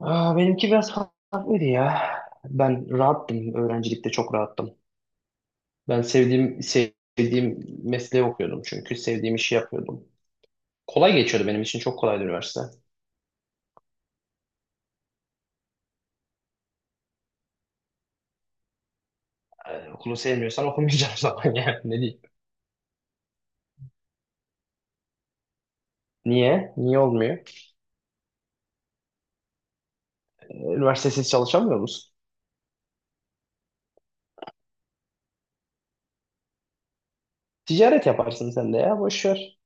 Aa, benimki biraz farklıydı ya. Ben rahattım. Öğrencilikte çok rahattım. Ben sevdiğim mesleği okuyordum çünkü sevdiğim işi yapıyordum. Kolay geçiyordu benim için çok kolaydı üniversite. Okulu sevmiyorsan okumayacaksın zaman yani ne diyeyim. Niye? Niye olmuyor? Üniversitesiz çalışamıyor musun? Ticaret yaparsın sen de ya boş ver.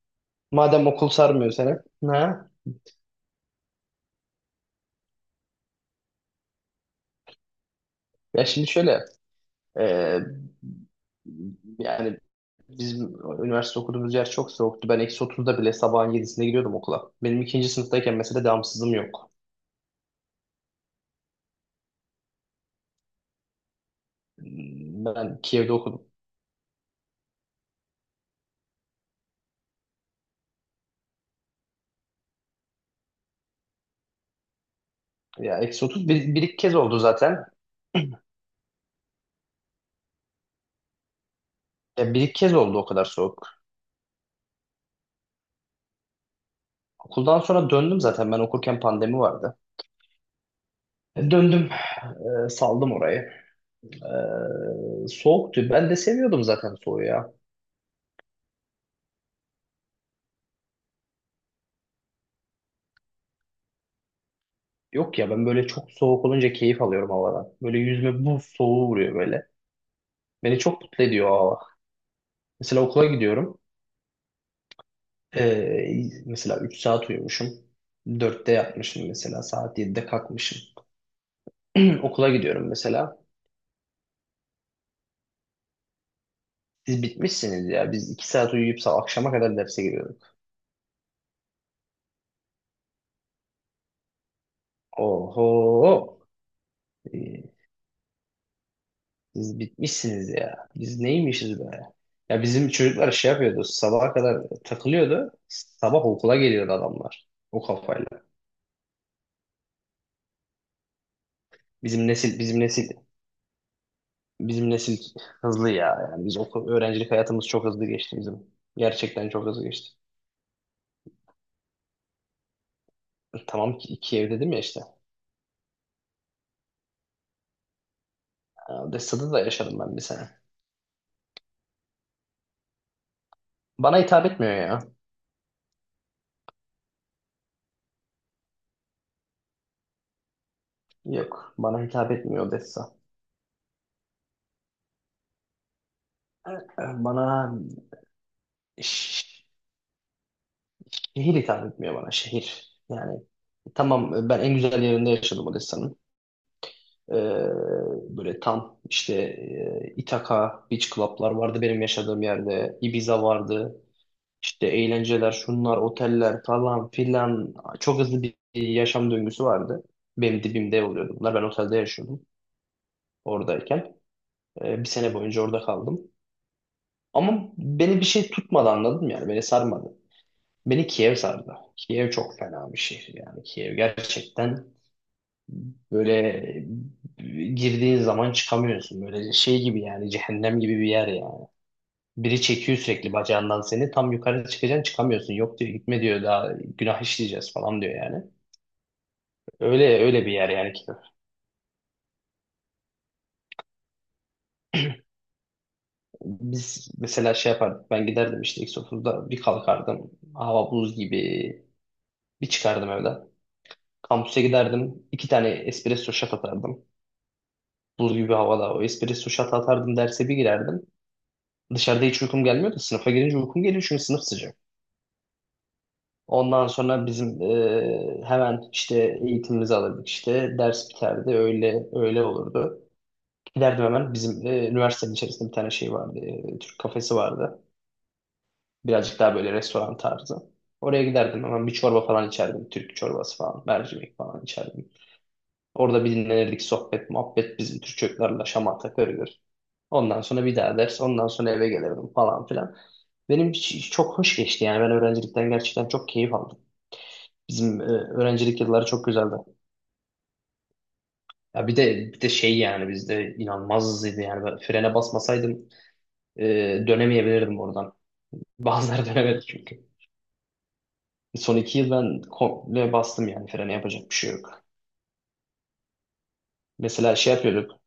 Madem okul sarmıyor seni. Ha? Ya şimdi şöyle e, yani bizim üniversite okuduğumuz yer çok soğuktu. Ben eksi 30'da bile sabahın yedisinde gidiyordum okula. Benim ikinci sınıftayken mesela devamsızım yok. Ben Kiev'de okudum. Ya eksi 30 bir iki kez oldu zaten. Ya bir iki kez oldu o kadar soğuk. Okuldan sonra döndüm zaten. Ben okurken pandemi vardı. Döndüm. Saldım orayı. Soğuktu. Ben de seviyordum zaten soğuğu ya. Yok ya ben böyle çok soğuk olunca keyif alıyorum havadan. Böyle yüzüme buz soğuğu vuruyor böyle. Beni çok mutlu ediyor o hava. Mesela okula gidiyorum. Ee, mesela 3 saat uyumuşum. Dörtte yatmışım mesela. Saat 7'de kalkmışım. Okula gidiyorum mesela. Siz bitmişsiniz ya. Biz 2 saat uyuyup sabah akşama kadar derse giriyorduk. Oho. Ee, siz bitmişsiniz ya. Biz neymişiz be? Ya bizim çocuklar şey yapıyordu. Sabaha kadar takılıyordu. Sabah okula geliyordu adamlar. O kafayla. Bizim nesil, bizim nesil, bizim nesil hızlı ya. Yani biz okul, öğrencilik hayatımız çok hızlı geçti bizim. Gerçekten çok hızlı geçti. Tamam ki iki ev dedim ya işte. Odessa'da da yaşadım ben bir sene. Bana hitap etmiyor ya. Yok, bana hitap etmiyor Odessa. Bana ş- şehir hitap etmiyor bana şehir. Yani tamam ben en güzel yerinde yaşadım Odessa'nın. Ee, böyle tam işte Ithaca Beach Club'lar vardı benim yaşadığım yerde. Ibiza vardı. İşte eğlenceler, şunlar, oteller falan filan. Çok hızlı bir yaşam döngüsü vardı. Benim dibimde oluyordu bunlar. Ben otelde yaşıyordum oradayken. Bir sene boyunca orada kaldım. Ama beni bir şey tutmadı anladın mı yani? Beni sarmadı. Beni Kiev sardı. Kiev çok fena bir şehir yani. Kiev gerçekten böyle e, girdiğin zaman çıkamıyorsun. Böyle şey gibi yani cehennem gibi bir yer yani. Biri çekiyor sürekli bacağından seni. Tam yukarı çıkacaksın çıkamıyorsun. Yok diyor gitme diyor daha günah işleyeceğiz falan diyor yani. Öyle öyle bir yer yani Kiev. Biz mesela şey yapardık ben giderdim işte X30'da bir kalkardım. Hava buz gibi bir çıkardım evden. Kampüse giderdim. İki tane espresso shot atardım. Buz gibi havada o espresso shot atardım derse bir girerdim. Dışarıda hiç uykum gelmiyor da sınıfa girince uykum geliyor çünkü sınıf sıcak. Ondan sonra bizim hemen işte eğitimimizi alırdık işte ders biterdi öyle öyle olurdu. Giderdim hemen bizim üniversitenin içerisinde bir tane şey vardı. Türk kafesi vardı. Birazcık daha böyle restoran tarzı. Oraya giderdim hemen bir çorba falan içerdim. Türk çorbası falan mercimek falan içerdim. Orada bir dinlenirdik sohbet, muhabbet bizim Türk çocuklarla şamata körülür. Ondan sonra bir daha ders, ondan sonra eve gelirdim falan filan. Benim çok hoş geçti yani ben öğrencilikten gerçekten çok keyif aldım. Bizim öğrencilik yılları çok güzeldi. Ya bir de şey yani bizde inanılmaz hızlıydı yani ben frene basmasaydım e, dönemeyebilirdim oradan. Bazıları dönemedi çünkü. Son 2 yıl ben komple bastım yani frene yapacak bir şey yok. Mesela şey yapıyorduk.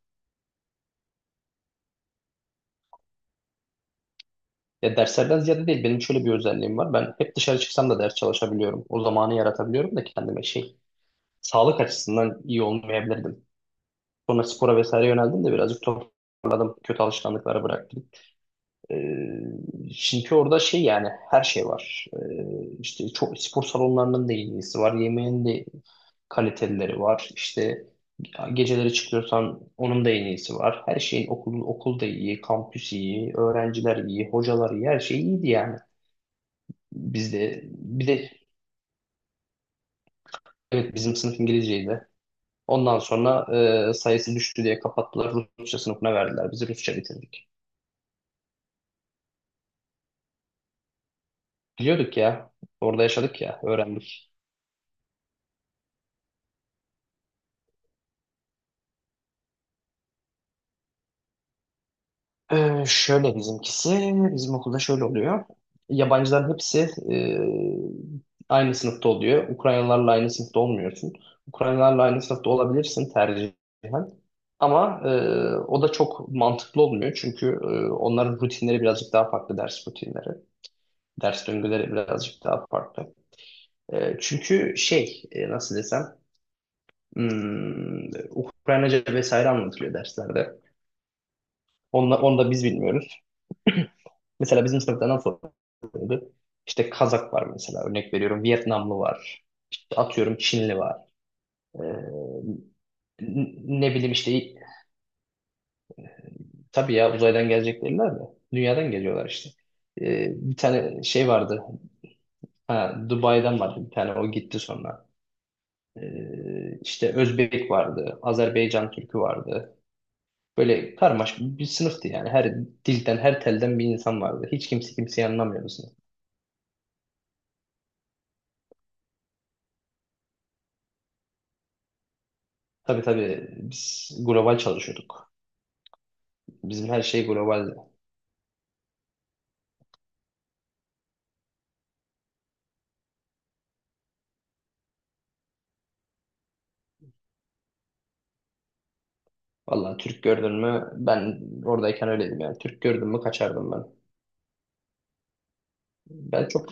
Ya derslerden ziyade değil benim şöyle bir özelliğim var. Ben hep dışarı çıksam da ders çalışabiliyorum. O zamanı yaratabiliyorum da kendime şey sağlık açısından iyi olmayabilirdim. Sonra spora vesaire yöneldim de birazcık toparladım. Kötü alışkanlıkları bıraktım. Çünkü orada şey yani her şey var. İşte çok spor salonlarının da iyisi var. Yemeğin de kalitelileri var. İşte geceleri çıkıyorsan onun da en iyisi var. Her şeyin okul, okul da iyi, kampüs iyi, öğrenciler iyi, hocalar iyi, her şey iyiydi yani. Bizde bir de evet, bizim sınıf İngilizceydi. Ondan sonra sayısı düştü diye kapattılar. Rusça sınıfına verdiler. Biz Rusça bitirdik. Biliyorduk ya. Orada yaşadık ya. Öğrendik. Şöyle bizimkisi. Bizim okulda şöyle oluyor. Yabancıların hepsi e, aynı sınıfta oluyor. Ukraynalılarla aynı sınıfta olmuyorsun. Ukraynalılarla aynı sınıfta olabilirsin tercihen. Ama o da çok mantıklı olmuyor. Çünkü onların rutinleri birazcık daha farklı ders rutinleri. Ders döngüleri birazcık daha farklı. Çünkü şey nasıl desem Ukraynaca vesaire anlatılıyor derslerde. Onu da biz bilmiyoruz. Mesela bizim sınıfta nasıl oluyordu? İşte Kazak var mesela örnek veriyorum. Vietnamlı var. İşte atıyorum Çinli var. E, n- ne bileyim işte tabii ya uzaydan gelecekler de dünyadan geliyorlar işte. E, bir tane şey vardı. Ha, Dubai'den vardı bir tane o gitti sonra. İşte Özbek vardı, Azerbaycan Türkü vardı. Böyle karmaşık bir sınıftı yani. Her dilden, her telden bir insan vardı. Hiç kimse kimseyi anlamıyordu sınıf. Tabii tabii biz global çalışıyorduk. Bizim her şey globaldi. Vallahi Türk gördün mü ben oradayken öyleydim yani. Türk gördün mü kaçardım ben. Ben çok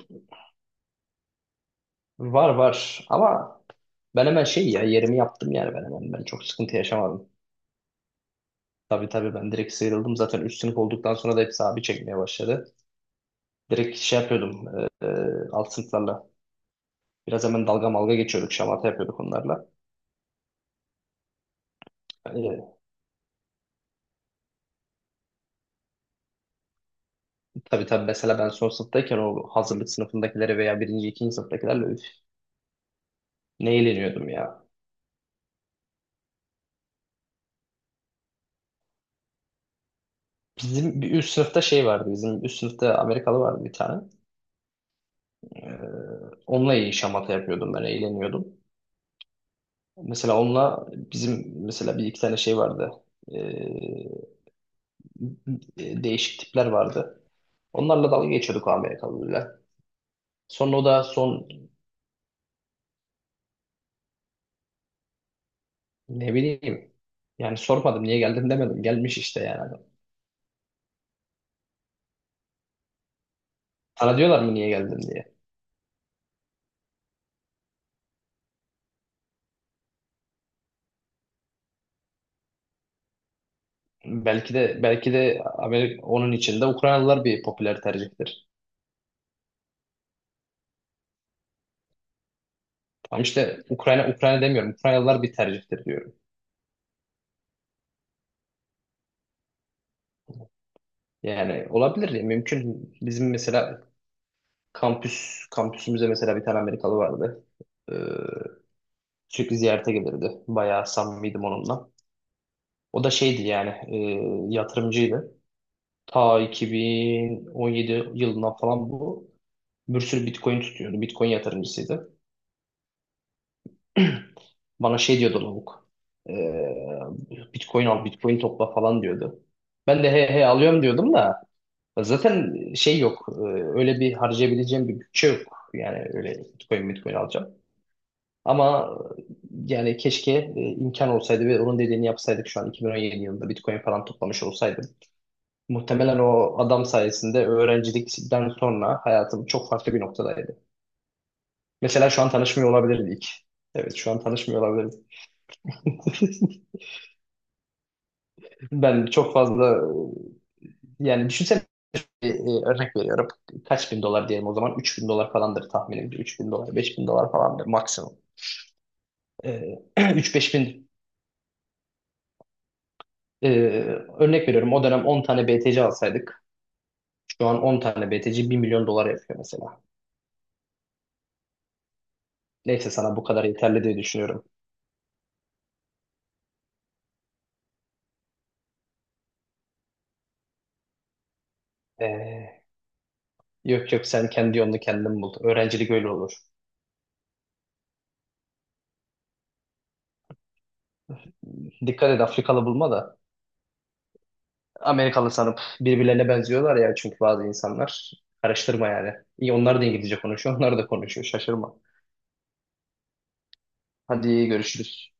var var ama ben hemen şey ya yerimi yaptım yani ben hemen. Ben çok sıkıntı yaşamadım. Tabii tabii ben direkt sıyrıldım. Zaten üst sınıf olduktan sonra da hepsi abi çekmeye başladı. Direkt şey yapıyordum e, e, alt sınıflarla. Biraz hemen dalga malga geçiyorduk, şamata yapıyorduk onlarla. E, tabii tabii mesela ben son sınıftayken o hazırlık sınıfındakileri veya birinci, ikinci sınıftakilerle üf, ne eğleniyordum ya. Bizim bir üst sınıfta şey vardı, bizim üst sınıfta Amerikalı vardı bir tane. E, onunla iyi şamata yapıyordum ben, eğleniyordum. Mesela onunla bizim mesela bir iki tane şey vardı. E, değişik tipler vardı. Onlarla dalga geçiyorduk o Amerikalılarla. Sonra o da son. Ne bileyim. Yani sormadım niye geldim demedim. Gelmiş işte yani. Sana diyorlar mı niye geldin diye. Belki de belki de Amerika, onun içinde Ukraynalılar bir popüler tercihtir. Tam işte Ukrayna Ukrayna demiyorum. Ukraynalılar bir tercihtir diyorum. Yani olabilir ya mümkün. Bizim mesela kampüsümüzde mesela bir tane Amerikalı vardı. Ee, sürekli ziyarete gelirdi. Bayağı samimiydim onunla. O da şeydi yani yatırımcıydı. Ta 2017 yılından falan bu. Bir sürü Bitcoin tutuyordu. Bitcoin yatırımcısıydı. Bana şey diyordu lavuk. Ee, Bitcoin al, Bitcoin topla falan diyordu. Ben de he he alıyorum diyordum da zaten şey yok. Öyle bir harcayabileceğim bir bütçe yok. Yani öyle Bitcoin, Bitcoin alacağım. Ama yani keşke imkan olsaydı ve onun dediğini yapsaydık şu an 2017 yılında Bitcoin falan toplamış olsaydım. Muhtemelen o adam sayesinde öğrencilikten sonra hayatım çok farklı bir noktadaydı. Mesela şu an tanışmıyor olabilirdik. Evet, şu an tanışmıyor olabiliriz. Ben çok fazla yani düşünsene örnek veriyorum. Kaç bin dolar diyelim o zaman? 3 bin dolar falandır tahminimce. 3 bin dolar, 5 bin dolar falandır maksimum. 3-5 bin e, örnek veriyorum. O dönem 10 tane BTC alsaydık. Şu an 10 tane BTC 1 milyon dolar yapıyor mesela. Neyse sana bu kadar yeterli diye düşünüyorum. Ee, yok yok sen kendi yolunu kendin bul. Öğrencilik öyle olur. Dikkat et Afrikalı bulma da. Amerikalı sanıp birbirlerine benziyorlar ya çünkü bazı insanlar. Karıştırma yani. İyi onlar da İngilizce konuşuyor, onlar da konuşuyor. Şaşırma. Hadi görüşürüz.